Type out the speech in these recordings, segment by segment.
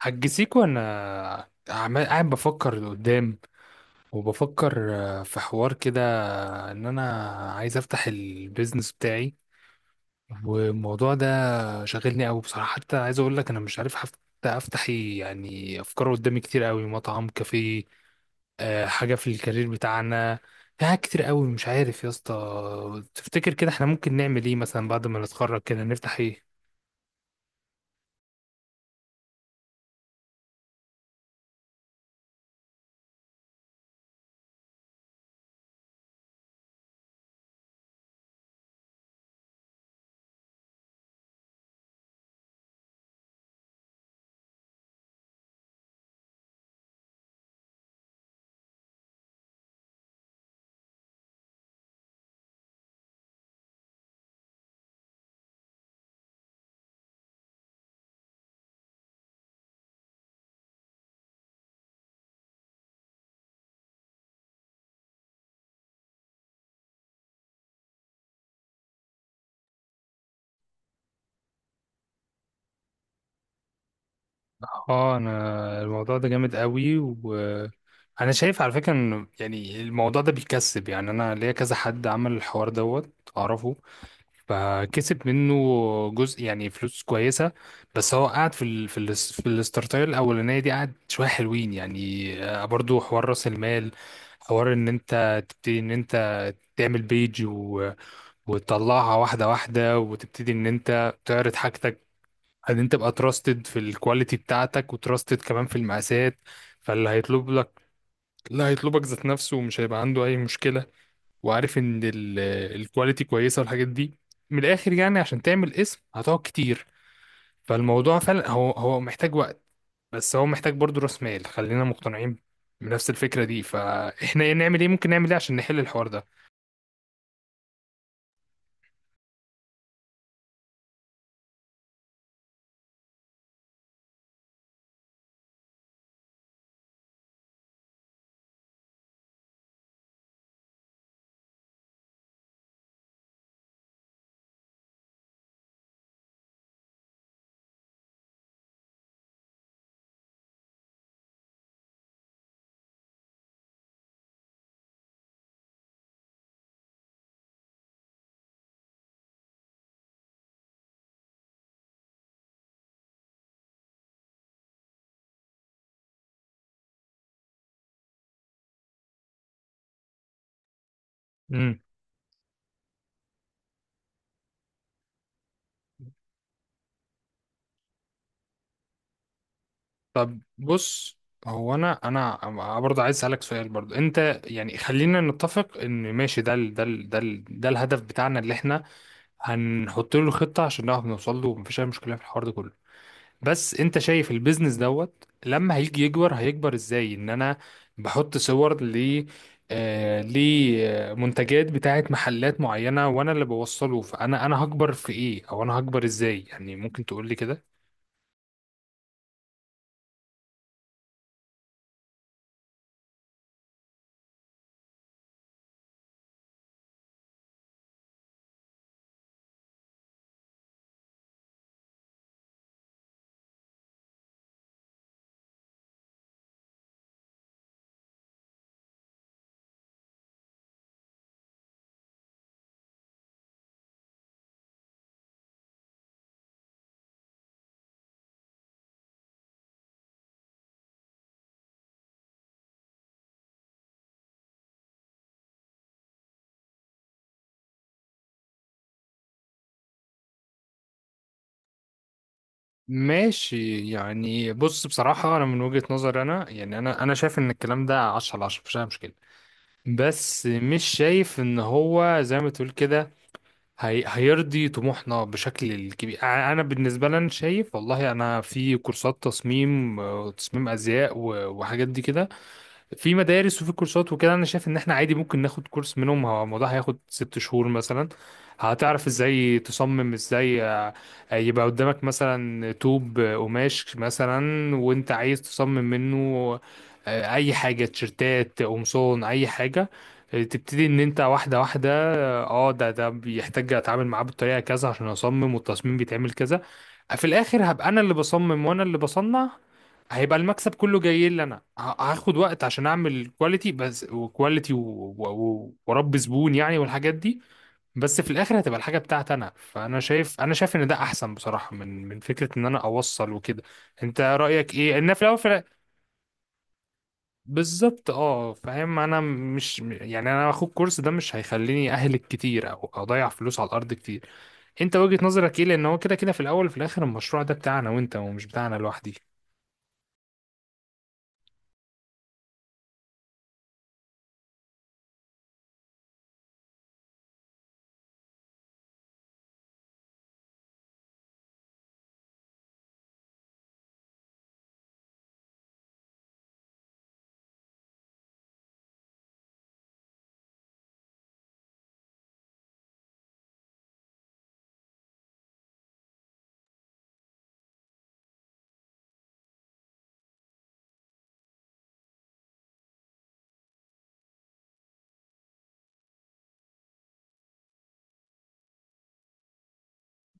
هتجسيكو، انا عمال قاعد بفكر لقدام. وبفكر، في حوار كده ان انا عايز افتح البيزنس بتاعي. والموضوع ده شاغلني قوي بصراحة. حتى عايز اقول لك انا مش عارف حتى افتح إيه، يعني افكار قدامي كتير قوي: مطعم، كافيه، حاجة في الكارير بتاعنا. في حاجات كتير قوي. مش عارف يا اسطى، تفتكر كده احنا ممكن نعمل ايه مثلا بعد ما نتخرج؟ كده نفتح ايه؟ اه، انا الموضوع ده جامد قوي. وانا شايف على فكره ان يعني الموضوع ده بيكسب. يعني انا ليا كذا حد عمل الحوار دوت، اعرفه، فكسب منه جزء يعني فلوس كويسه. بس هو قاعد في الستارتايل الاولانيه دي، قاعد شويه حلوين يعني. برضو حوار راس المال. حوار ان انت تبتدي، ان انت تعمل بيج، وتطلعها واحده واحده، وتبتدي ان انت تعرض حاجتك، ان انت تبقى تراستد في الكواليتي بتاعتك، وتراستد كمان في المقاسات. فاللي هيطلب لك، لا، هيطلبك ذات نفسه، ومش هيبقى عنده اي مشكله. وعارف ان الكواليتي كويسه، والحاجات دي. من الاخر يعني عشان تعمل اسم، هتقعد كتير. فالموضوع فعلا هو محتاج وقت. بس هو محتاج برضو راس مال، خلينا مقتنعين بنفس الفكره دي. فاحنا نعمل ايه؟ ممكن نعمل ايه عشان نحل الحوار ده؟ امم. طب بص. هو انا برضه عايز اسالك سؤال. برضه انت، يعني خلينا نتفق ان ماشي، ده الهدف بتاعنا اللي احنا هنحط له خطه عشان نعرف نوصل له، ومفيش اي مشكله في الحوار ده كله. بس انت شايف البيزنس دوت لما هيجي يكبر، هيكبر ازاي؟ ان انا بحط صور ل آه لمنتجات بتاعت محلات معينه، وانا اللي بوصله. فانا هكبر في ايه؟ او انا هكبر ازاي يعني؟ ممكن تقول لي كده؟ ماشي يعني. بص بصراحة، أنا من وجهة نظري، أنا يعني أنا شايف إن الكلام ده 10 على 10، مفيش أي مشكلة. بس مش شايف إن هو زي ما تقول كده، هي هيرضي طموحنا بشكل كبير. أنا بالنسبة لي، أنا شايف والله، أنا في كورسات تصميم وتصميم أزياء وحاجات دي كده، في مدارس وفي كورسات وكده. انا شايف ان احنا عادي ممكن ناخد كورس منهم. هو الموضوع هياخد 6 شهور مثلا. هتعرف ازاي تصمم، ازاي يبقى قدامك مثلا طوب، قماش مثلا، وانت عايز تصمم منه اي حاجة: تيشرتات، قمصان، اي حاجة. تبتدي ان انت واحدة واحدة. ده بيحتاج اتعامل معاه بالطريقة كذا عشان اصمم، والتصميم بيتعمل كذا. في الاخر هبقى انا اللي بصمم، وانا اللي بصنع. هيبقى المكسب كله جاي لي انا. هاخد وقت عشان اعمل كواليتي بس، وكواليتي و- واربي زبون يعني، والحاجات دي. بس في الاخر هتبقى الحاجه بتاعتي انا. فانا شايف، انا شايف ان ده احسن بصراحه، من فكره ان انا اوصل وكده. انت رايك ايه ان في الاول بالظبط، اه، فاهم. انا مش يعني، انا اخد كورس ده مش هيخليني اهلك كتير او اضيع فلوس على الارض كتير. انت وجهه نظرك ايه؟ لان هو كده كده في الاول وفي الاخر، المشروع ده بتاعنا وانت، ومش بتاعنا لوحدي.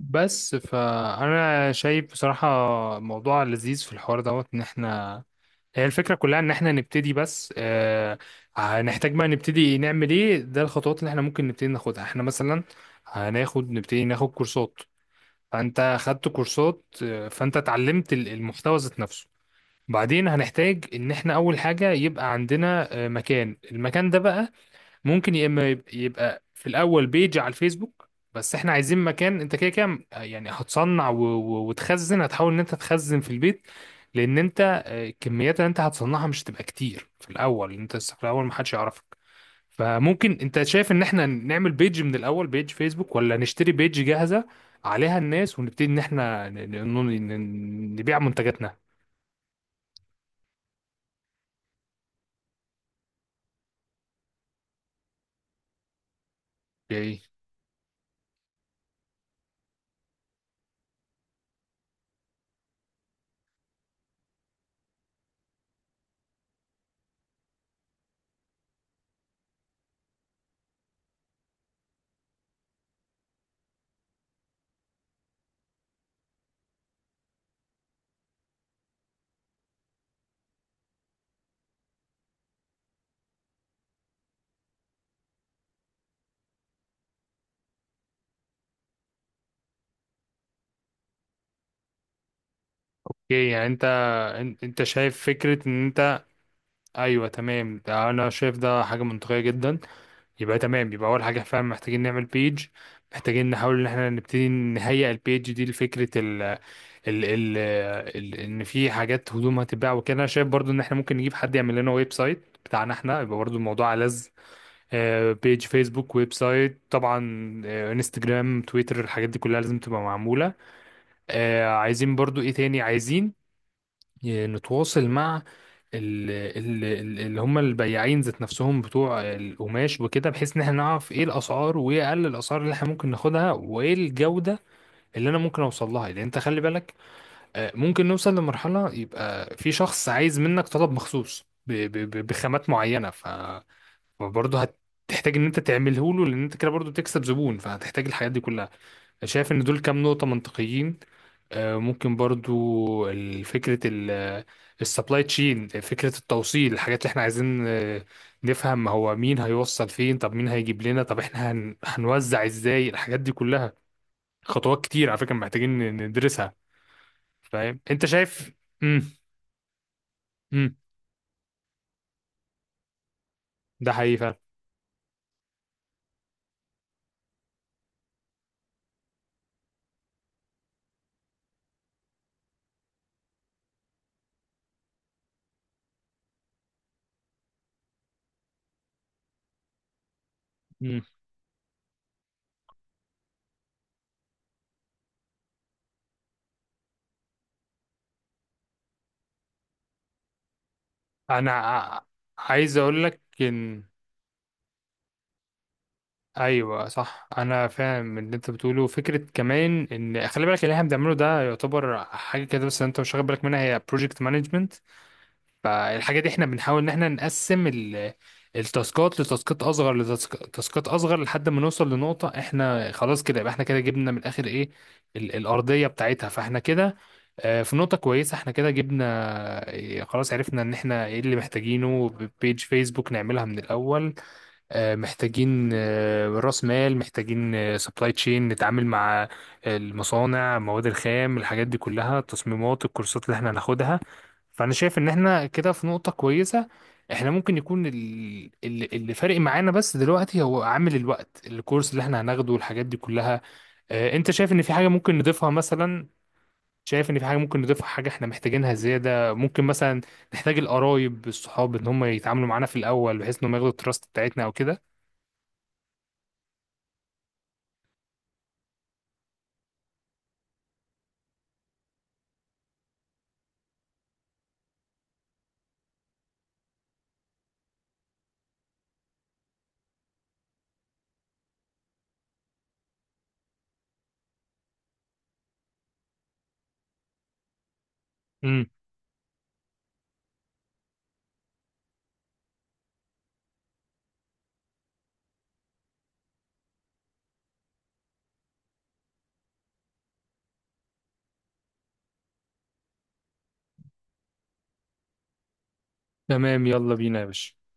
بس فانا شايف بصراحه، موضوع لذيذ في الحوار دوت. ان احنا، هي الفكره كلها ان احنا نبتدي بس. هنحتاج بقى نبتدي نعمل ايه؟ ده الخطوات اللي احنا ممكن نبتدي ناخدها. احنا مثلا هناخد، نبتدي ناخد كورسات. فانت خدت كورسات، فانت اتعلمت المحتوى ذات نفسه. بعدين هنحتاج ان احنا اول حاجه يبقى عندنا مكان. المكان ده بقى ممكن يا اما يبقى في الاول بيج على الفيسبوك. بس احنا عايزين مكان. انت كده كده يعني هتصنع وتخزن. هتحاول ان انت تخزن في البيت، لان انت، الكميات اللي انت هتصنعها مش تبقى كتير في الاول. انت لسه في الاول، محدش يعرفك. فممكن، انت شايف ان احنا نعمل بيج من الاول، بيج فيسبوك، ولا نشتري بيج جاهزة عليها الناس ونبتدي ان احنا نبيع منتجاتنا؟ ايه. إيه يعني انت، انت شايف فكرة ان انت؟ ايوه تمام، ده انا شايف ده حاجه منطقيه جدا. يبقى تمام. يبقى اول حاجه فعلا محتاجين نعمل بيج. محتاجين نحاول ان احنا نبتدي نهيئ البيج دي لفكره ال ال ال ال ان في حاجات هدوم هتتباع وكده. انا شايف برضو ان احنا ممكن نجيب حد يعمل لنا ويب سايت بتاعنا احنا. يبقى برضو الموضوع لذ. بيج فيسبوك، ويب سايت طبعا، انستجرام، تويتر، الحاجات دي كلها لازم تبقى معموله. عايزين برضو ايه تاني؟ عايزين نتواصل مع اللي هم البياعين ذات نفسهم بتوع القماش وكده، بحيث ان احنا نعرف ايه الاسعار، وايه اقل الاسعار اللي احنا ممكن ناخدها، وايه الجودة اللي انا ممكن اوصل لها. لان انت خلي بالك، ممكن نوصل لمرحلة يبقى في شخص عايز منك طلب مخصوص بخامات معينة. فبرضه هتحتاج ان انت تعمله له، لان انت كده برضه بتكسب زبون. فهتحتاج الحاجات دي كلها. شايف ان دول كام نقطة منطقيين؟ ممكن برضو فكرة السبلاي تشين، فكرة التوصيل، الحاجات اللي احنا عايزين نفهم هو مين هيوصل فين، طب مين هيجيب لنا، طب احنا هنوزع ازاي الحاجات دي كلها؟ خطوات كتير على فكرة محتاجين ندرسها. فاهم؟ انت شايف؟ امم امم ده حقيقي فعلا. مم. انا عايز اقول لك ان، ايوه صح، انا فاهم اللي انت بتقوله. فكره كمان ان خلي بالك، اللي احنا بنعمله ده يعتبر حاجه كده بس انت مش واخد بالك منها، هي بروجكت مانجمنت. فالحاجه دي احنا بنحاول ان احنا نقسم التاسكات لتاسكات اصغر لتاسكات اصغر، لحد ما نوصل لنقطه احنا خلاص كده. يبقى احنا كده جبنا من الاخر ايه؟ الارضيه بتاعتها. فاحنا كده في نقطه كويسه. احنا كده جبنا، خلاص عرفنا ان احنا ايه اللي محتاجينه: بيج فيسبوك نعملها من الاول، محتاجين راس مال، محتاجين سبلاي تشين نتعامل مع المصانع، مواد الخام، الحاجات دي كلها، التصميمات، الكورسات اللي احنا هناخدها. فانا شايف ان احنا كده في نقطة كويسة. احنا ممكن يكون اللي فارق معانا بس دلوقتي هو عامل الوقت، الكورس اللي احنا هناخده والحاجات دي كلها. انت شايف ان في حاجة ممكن نضيفها مثلا؟ شايف ان في حاجة ممكن نضيفها، حاجة احنا محتاجينها زيادة؟ ممكن مثلا نحتاج القرايب، الصحاب، ان هم يتعاملوا معانا في الاول، بحيث انهم ياخدوا التراست بتاعتنا او كده. امم تمام. يلا بينا يا باشا.